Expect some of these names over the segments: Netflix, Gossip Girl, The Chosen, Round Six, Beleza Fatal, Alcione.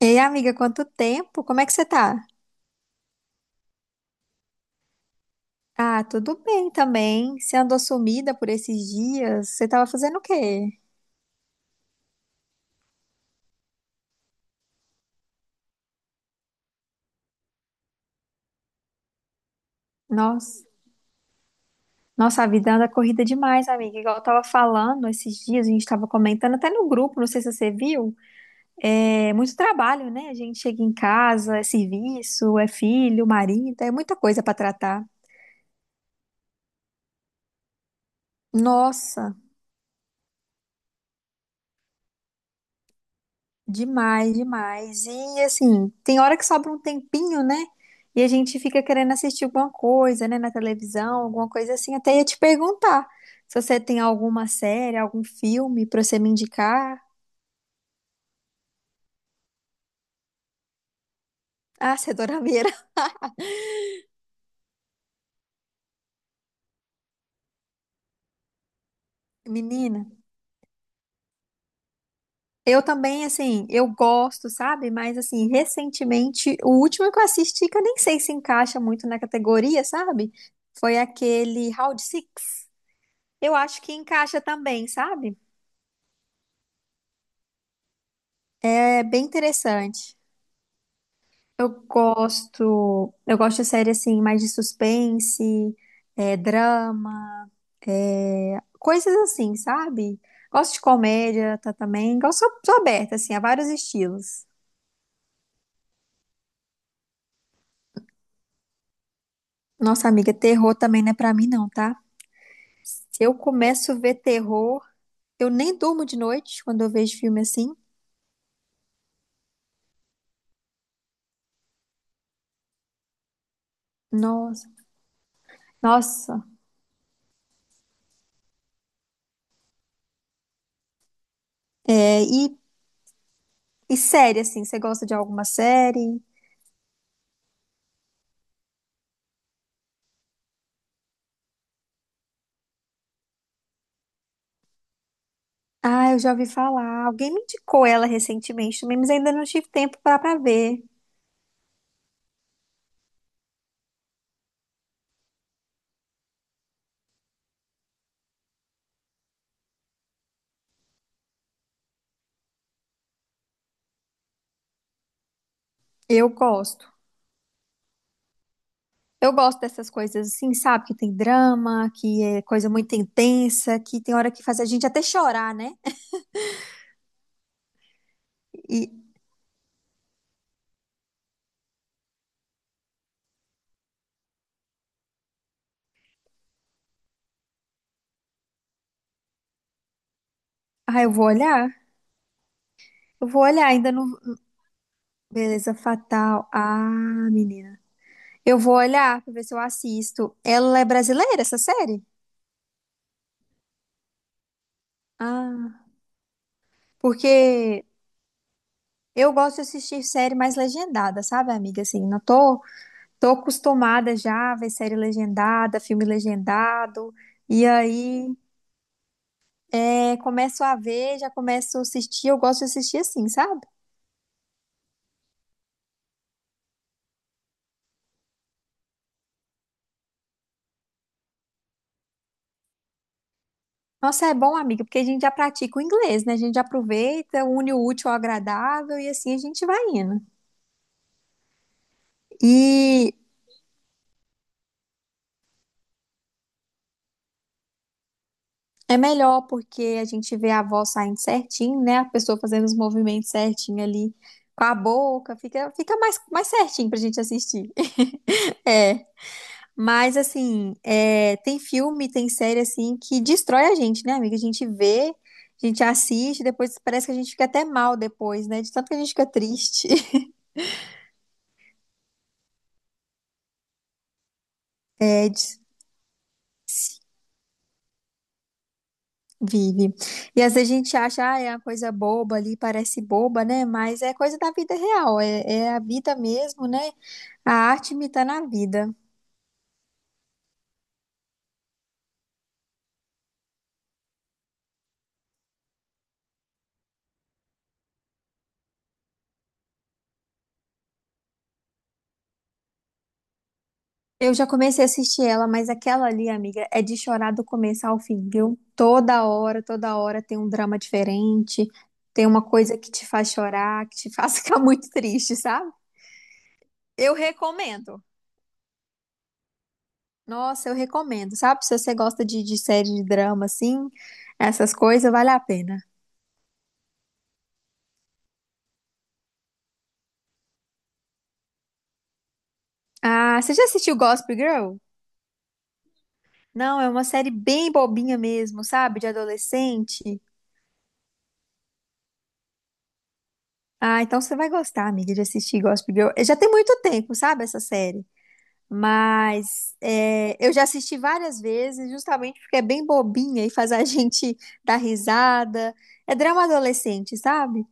Ei, amiga, quanto tempo? Como é que você tá? Ah, tudo bem também. Você andou sumida por esses dias? Você tava fazendo o quê? Nossa, nossa, a vida anda corrida demais, amiga. Igual eu tava falando esses dias, a gente tava comentando até no grupo, não sei se você viu. É muito trabalho, né? A gente chega em casa, é serviço, é filho, marido, é muita coisa pra tratar. Nossa. Demais, demais. E assim, tem hora que sobra um tempinho, né? E a gente fica querendo assistir alguma coisa, né, na televisão, alguma coisa assim. Até ia te perguntar se você tem alguma série, algum filme pra você me indicar. Ah, você é dorameira. Menina, eu também, assim, eu gosto, sabe? Mas, assim, recentemente, o último que eu assisti, que eu nem sei se encaixa muito na categoria, sabe? Foi aquele Round Six. Eu acho que encaixa também, sabe? É bem interessante. Eu gosto de série assim, mais de suspense, é, drama, é, coisas assim, sabe? Gosto de comédia tá, também, gosto, sou aberta assim a vários estilos. Nossa amiga, terror também não é pra mim não, tá? Se eu começo a ver terror, eu nem durmo de noite quando eu vejo filme assim. Nossa, nossa. É, e série assim, você gosta de alguma série? Ah, eu já ouvi falar. Alguém me indicou ela recentemente também, mas ainda não tive tempo pra ver. Eu gosto. Eu gosto dessas coisas assim, sabe? Que tem drama, que é coisa muito intensa, que tem hora que faz a gente até chorar, né? E, ah, eu vou olhar? Eu vou olhar, ainda não. Beleza Fatal. Ah, menina. Eu vou olhar pra ver se eu assisto. Ela é brasileira, essa série? Ah, porque eu gosto de assistir série mais legendada, sabe, amiga? Assim, não tô, tô acostumada já a ver série legendada, filme legendado. E aí. Aí começo a ver, já começo a assistir, eu gosto de assistir assim, sabe? Nossa, é bom, amiga, porque a gente já pratica o inglês, né? A gente já aproveita, une o útil ao agradável e assim a gente vai indo. E é melhor porque a gente vê a voz saindo certinho, né? A pessoa fazendo os movimentos certinho ali com a boca, fica, fica mais, mais certinho pra gente assistir. É. Mas, assim, é, tem filme, tem série, assim, que destrói a gente, né, amiga? A gente vê, a gente assiste, depois parece que a gente fica até mal depois, né? De tanto que a gente fica triste. É, vive. E às vezes a gente acha, ah, é uma coisa boba ali, parece boba, né? Mas é coisa da vida real, é, é a vida mesmo, né? A arte imita na vida. Eu já comecei a assistir ela, mas aquela ali, amiga, é de chorar do começo ao fim, viu? Toda hora tem um drama diferente, tem uma coisa que te faz chorar, que te faz ficar muito triste, sabe? Eu recomendo. Nossa, eu recomendo, sabe? Se você gosta de série de drama, assim, essas coisas, vale a pena. Ah, você já assistiu Gossip Girl? Não, é uma série bem bobinha mesmo, sabe? De adolescente. Ah, então você vai gostar, amiga, de assistir Gossip Girl. Já tem muito tempo, sabe, essa série. Mas é, eu já assisti várias vezes, justamente porque é bem bobinha e faz a gente dar risada. É drama adolescente, sabe?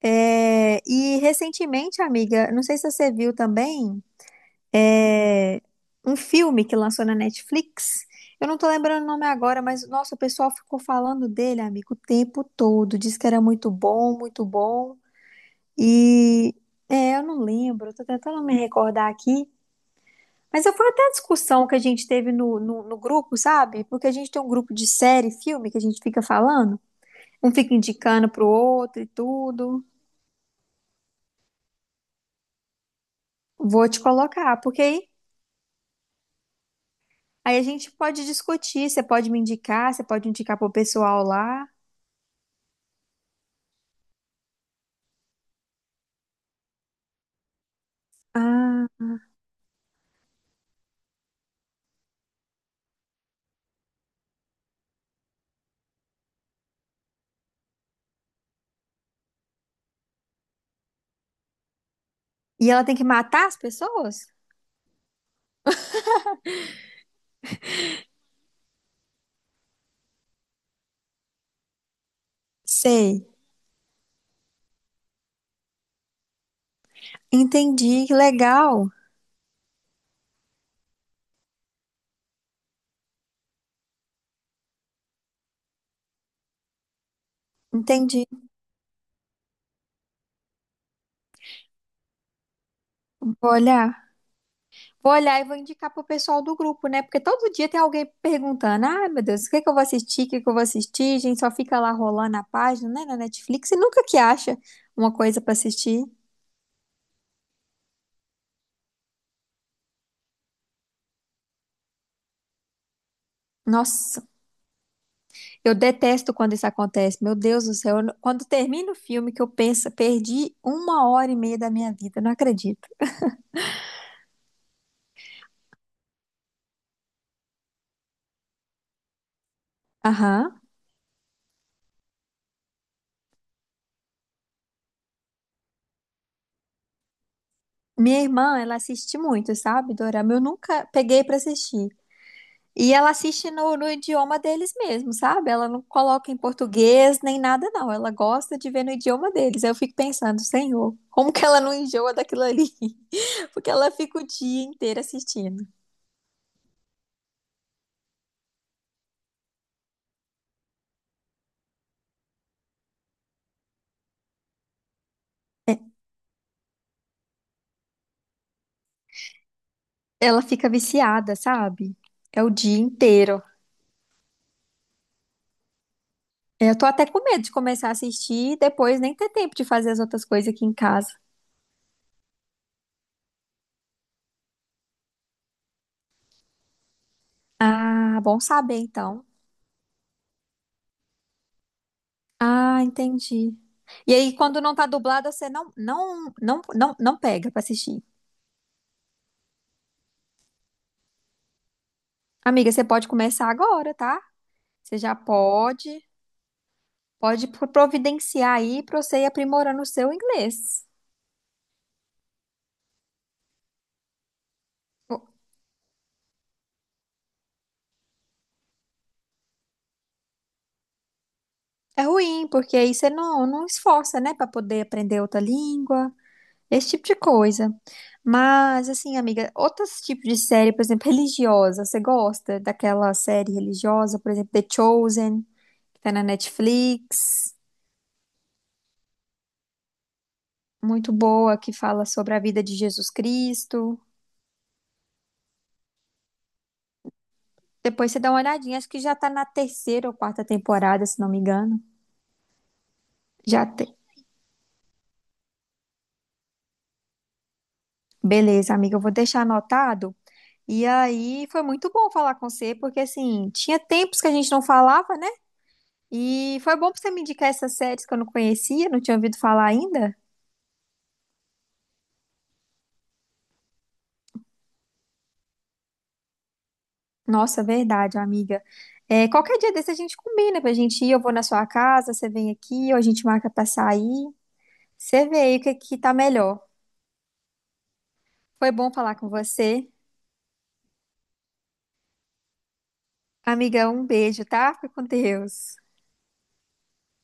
É, e recentemente, amiga, não sei se você viu também, é, um filme que lançou na Netflix. Eu não tô lembrando o nome agora, mas nossa, o pessoal ficou falando dele, amigo, o tempo todo. Diz que era muito bom, muito bom. E é, eu não lembro, tô tentando me recordar aqui. Mas fui até a discussão que a gente teve no grupo, sabe? Porque a gente tem um grupo de série, filme, que a gente fica falando. Um fica indicando pro outro e tudo. Vou te colocar, porque aí, aí a gente pode discutir. Você pode me indicar, você pode indicar pro pessoal lá. Ah, e ela tem que matar as pessoas? Sei. Entendi, que legal. Entendi. Vou olhar. Vou olhar e vou indicar pro pessoal do grupo, né? Porque todo dia tem alguém perguntando: ah, meu Deus, o que é que eu vou assistir? O que é que eu vou assistir? A gente só fica lá rolando a página, né, na Netflix e nunca que acha uma coisa pra assistir. Nossa, eu detesto quando isso acontece. Meu Deus do céu, eu não- quando termina o filme que eu penso, perdi uma hora e meia da minha vida, não acredito. Aham. Minha irmã, ela assiste muito, sabe, Dorama? Eu nunca peguei pra assistir. E ela assiste no idioma deles mesmo, sabe? Ela não coloca em português nem nada, não. Ela gosta de ver no idioma deles. Aí eu fico pensando, Senhor, como que ela não enjoa daquilo ali? Porque ela fica o dia inteiro assistindo. Ela fica viciada, sabe? É o dia inteiro. Eu tô até com medo de começar a assistir e depois nem ter tempo de fazer as outras coisas aqui em casa. Ah, bom saber então. Ah, entendi. E aí, quando não tá dublado, você não pega pra assistir. Amiga, você pode começar agora, tá? Você já pode, pode providenciar aí pra você ir aprimorando o seu inglês. O- É ruim, porque aí você não, não esforça, né, pra poder aprender outra língua, esse tipo de coisa. Mas, assim, amiga, outros tipos de série, por exemplo, religiosa, você gosta daquela série religiosa, por exemplo, The Chosen, que tá na Netflix, muito boa, que fala sobre a vida de Jesus Cristo. Depois você dá uma olhadinha. Acho que já tá na terceira ou quarta temporada, se não me engano. Já tem. Beleza, amiga, eu vou deixar anotado. E aí foi muito bom falar com você, porque assim, tinha tempos que a gente não falava, né? E foi bom pra você me indicar essas séries que eu não conhecia, não tinha ouvido falar ainda. Nossa, verdade, amiga. É, qualquer dia desse a gente combina pra gente ir, eu vou na sua casa, você vem aqui, ou a gente marca pra sair. Você vê aí o que é que tá melhor. Foi bom falar com você. Amiga, um beijo, tá? Fica com Deus.